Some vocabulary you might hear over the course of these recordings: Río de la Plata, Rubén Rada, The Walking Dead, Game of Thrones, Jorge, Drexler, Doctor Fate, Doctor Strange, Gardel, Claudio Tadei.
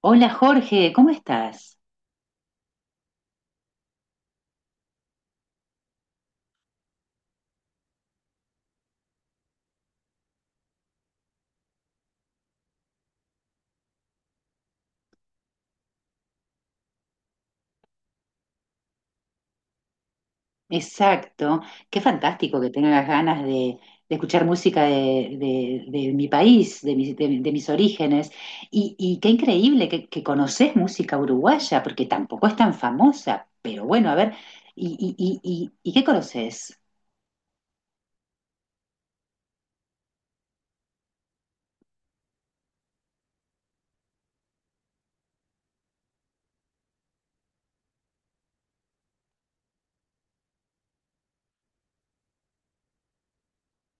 Hola Jorge, ¿cómo estás? Exacto, qué fantástico que tengas ganas de escuchar música de mi país, de mis orígenes. Y qué increíble que conoces música uruguaya, porque tampoco es tan famosa. Pero bueno, a ver, ¿y, y- y- y qué conoces?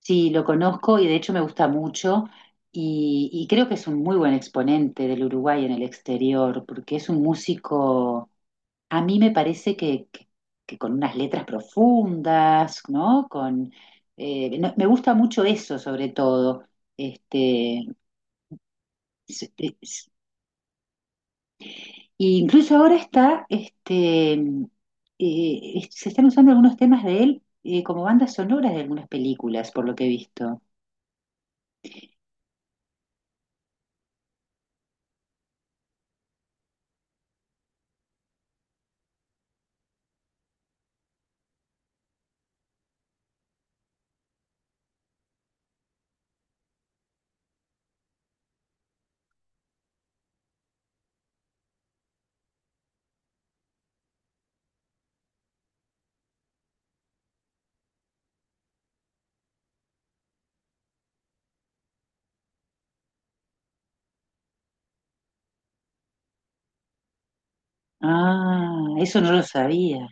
Sí, lo conozco y de hecho me gusta mucho y creo que es un muy buen exponente del Uruguay en el exterior, porque es un músico. A mí me parece que- Que con unas letras profundas, ¿no? Me gusta mucho eso, sobre todo. Este, s- es- y incluso ahora está, se están usando algunos temas de él como bandas sonoras de algunas películas, por lo que he visto. Ah, eso no lo sabía.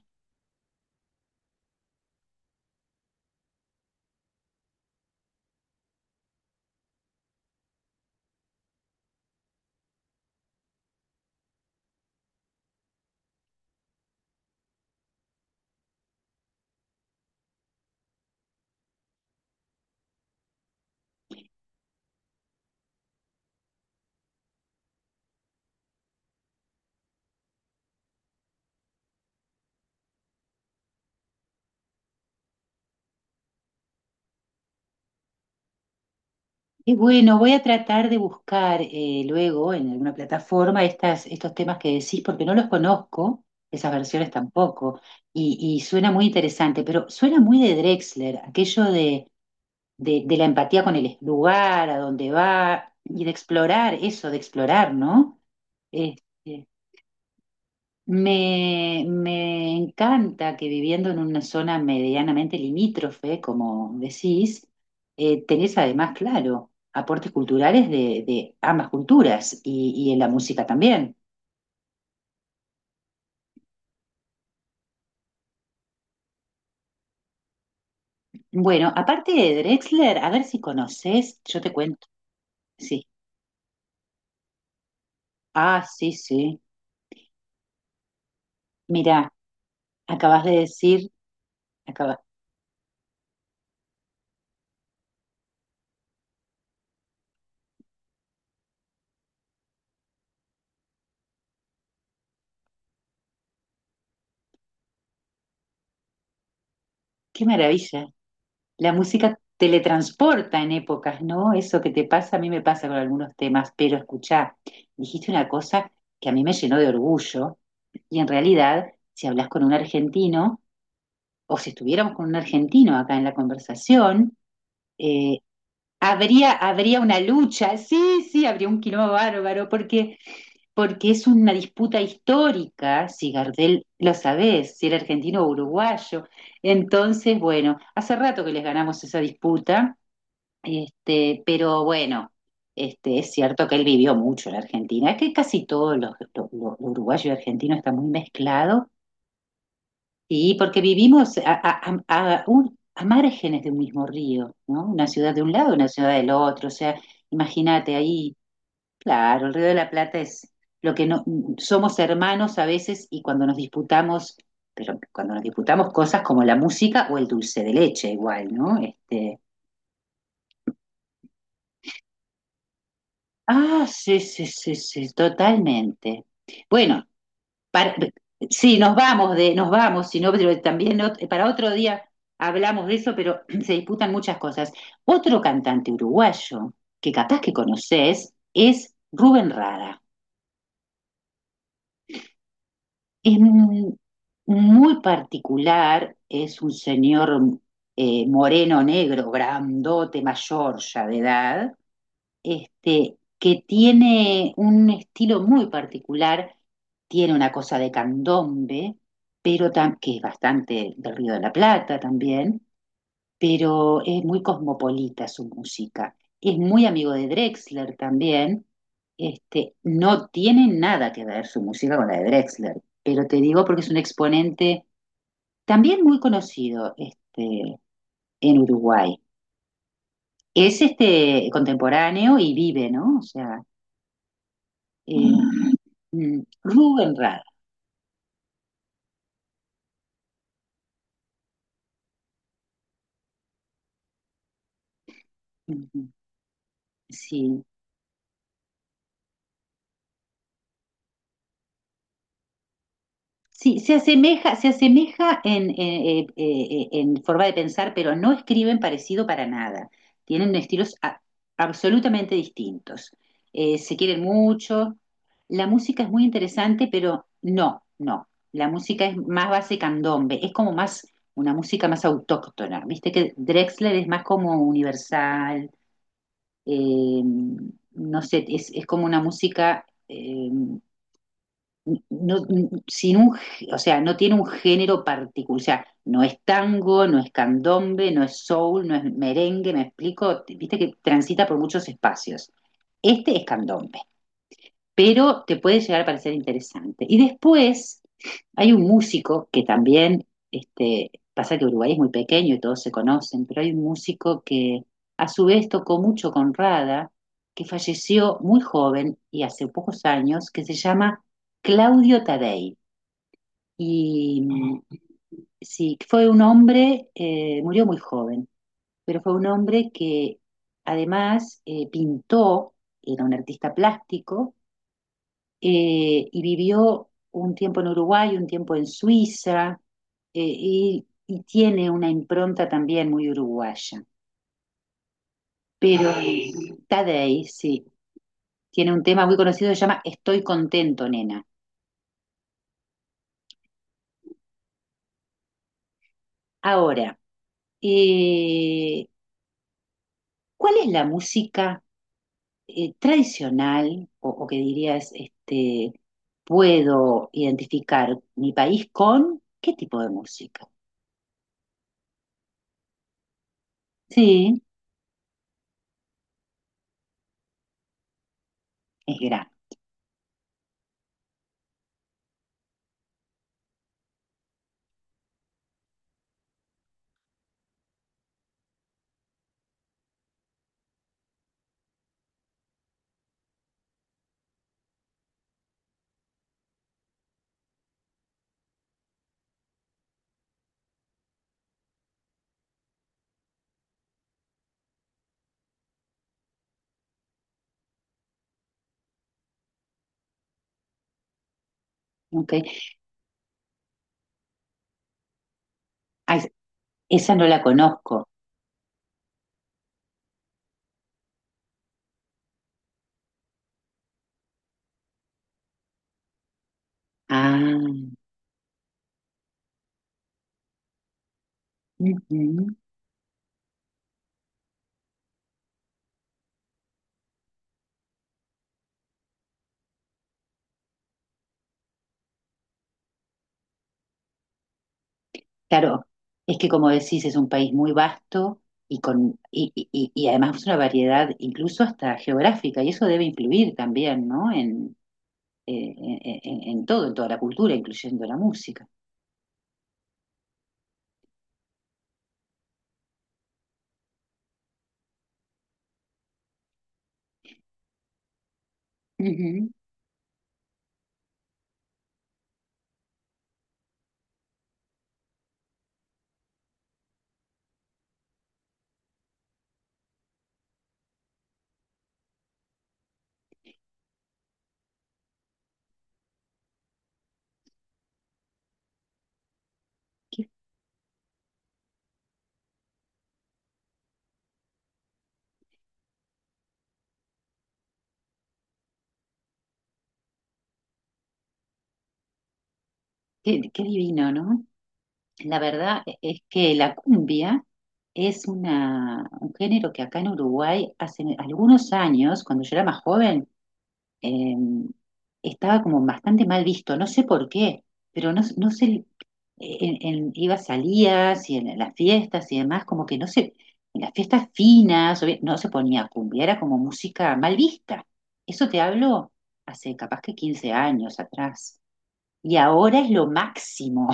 Y bueno, voy a tratar de buscar luego en alguna plataforma estas, estos temas que decís, porque no los conozco, esas versiones tampoco, y suena muy interesante, pero suena muy de Drexler, aquello de, de la empatía con el lugar, a dónde va, y de explorar eso, de explorar, ¿no? Este, me encanta que viviendo en una zona medianamente limítrofe, como decís, tenés además, claro, aportes culturales de ambas culturas y en la música también. Bueno, aparte de Drexler, a ver si conoces, yo te cuento. Sí. Ah, sí, sí. Mirá, acabas de decir, acaba- qué maravilla. La música teletransporta en épocas, ¿no? Eso que te pasa, a mí me pasa con algunos temas, pero escuchá, dijiste una cosa que a mí me llenó de orgullo y, en realidad, si hablas con un argentino o si estuviéramos con un argentino acá en la conversación, eh, habría una lucha, sí, sí, habría un quilombo bárbaro, porque, porque es una disputa histórica, si Gardel lo sabés, si era argentino o uruguayo. Entonces, bueno, hace rato que les ganamos esa disputa, pero bueno, es cierto que él vivió mucho en la Argentina. Es que casi todos los uruguayos y argentinos están muy mezclados, y porque vivimos a márgenes de un mismo río, ¿no? Una ciudad de un lado, una ciudad del otro. O sea, imagínate ahí, claro, el Río de la Plata es lo que, no somos hermanos a veces, y cuando nos disputamos, pero cuando nos disputamos cosas como la música o el dulce de leche, igual, ¿no? Ah, sí, sí, sí, sí, totalmente. Bueno, para- sí, nos vamos, sino pero también para otro día hablamos de eso, pero se disputan muchas cosas. Otro cantante uruguayo que capaz que conoces es Rubén Rada. Es m- Muy particular, es un señor moreno, negro, grandote, mayor ya de edad, que tiene un estilo muy particular, tiene una cosa de candombe, pero que es bastante del Río de la Plata también, pero es muy cosmopolita su música. Es muy amigo de Drexler también. No tiene nada que ver su música con la de Drexler, pero te digo porque es un exponente también muy conocido, en Uruguay. Es este contemporáneo y vive, ¿no? O sea, eh, mm. Rubén Rada. Sí. Sí, se asemeja en, forma de pensar, pero no escriben parecido para nada. Tienen estilos absolutamente distintos. Se quieren mucho. La música es muy interesante, pero no, no. La música es más base candombe, es como más una música más autóctona. Viste que Drexler es más como universal, eh, no sé, como una música no, sin un, o sea, no tiene un género particular, o sea, no es tango, no es candombe, no es soul, no es merengue, me explico, viste que transita por muchos espacios. Este es candombe, pero te puede llegar a parecer interesante. Y después hay un músico que también, pasa que Uruguay es muy pequeño y todos se conocen, pero hay un músico que a su vez tocó mucho con Rada, que falleció muy joven y hace pocos años, que se llama Claudio Tadei. Y mm, sí, fue un hombre, murió muy joven, pero fue un hombre que además pintó, era un artista plástico, y vivió un tiempo en Uruguay, un tiempo en Suiza, y tiene una impronta también muy uruguaya. Pero ay, Tadei, sí, tiene un tema muy conocido que se llama Estoy contento, nena. Ahora, eh, ¿cuál es la música tradicional o que dirías, puedo identificar mi país con qué tipo de música? Sí, es gran. Ok. Ah, esa no la conozco. Ah, ujú. Claro, es que como decís, es un país muy vasto y, y además una variedad incluso hasta geográfica, y eso debe influir también, ¿no? En, en todo, en toda la cultura, incluyendo la música. Ujú. Qué, qué divino, ¿no? La verdad es que la cumbia es una, un género que acá en Uruguay hace algunos años, cuando yo era más joven, eh, estaba como bastante mal visto, no sé por qué, pero no, no se, en, iba a salidas y en, las fiestas y demás, como que no se, en las fiestas finas, no se ponía cumbia, era como música mal vista. Eso te hablo hace capaz que 15 años atrás. Y ahora es lo máximo.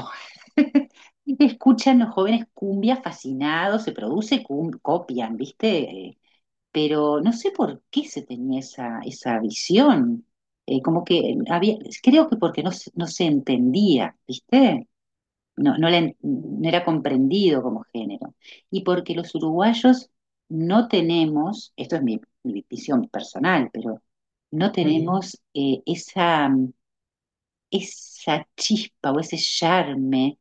Escuchan los jóvenes cumbia fascinados, se produce, copian, ¿viste? Pero no sé por qué se tenía esa, esa visión. Como que había, creo que porque no, no se entendía, ¿viste? No, no, no era comprendido como género. Y porque los uruguayos no tenemos, esto es mi, mi visión personal, pero no tenemos esa chispa o ese charme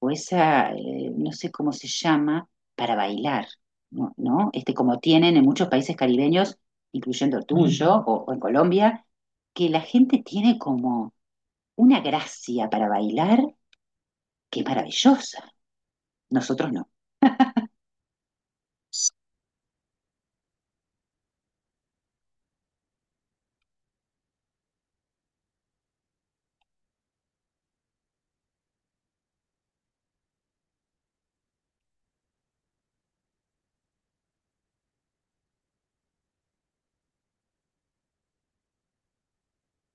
o esa, no sé cómo se llama, para bailar, ¿no? ¿No? Como tienen en muchos países caribeños, incluyendo el tuyo o en Colombia, que la gente tiene como una gracia para bailar que es maravillosa. Nosotros no.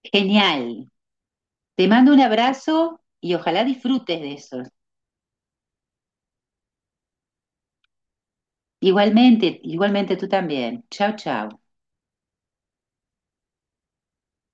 Genial. Te mando un abrazo y ojalá disfrutes de eso. Igualmente, igualmente tú también. Chao, chao.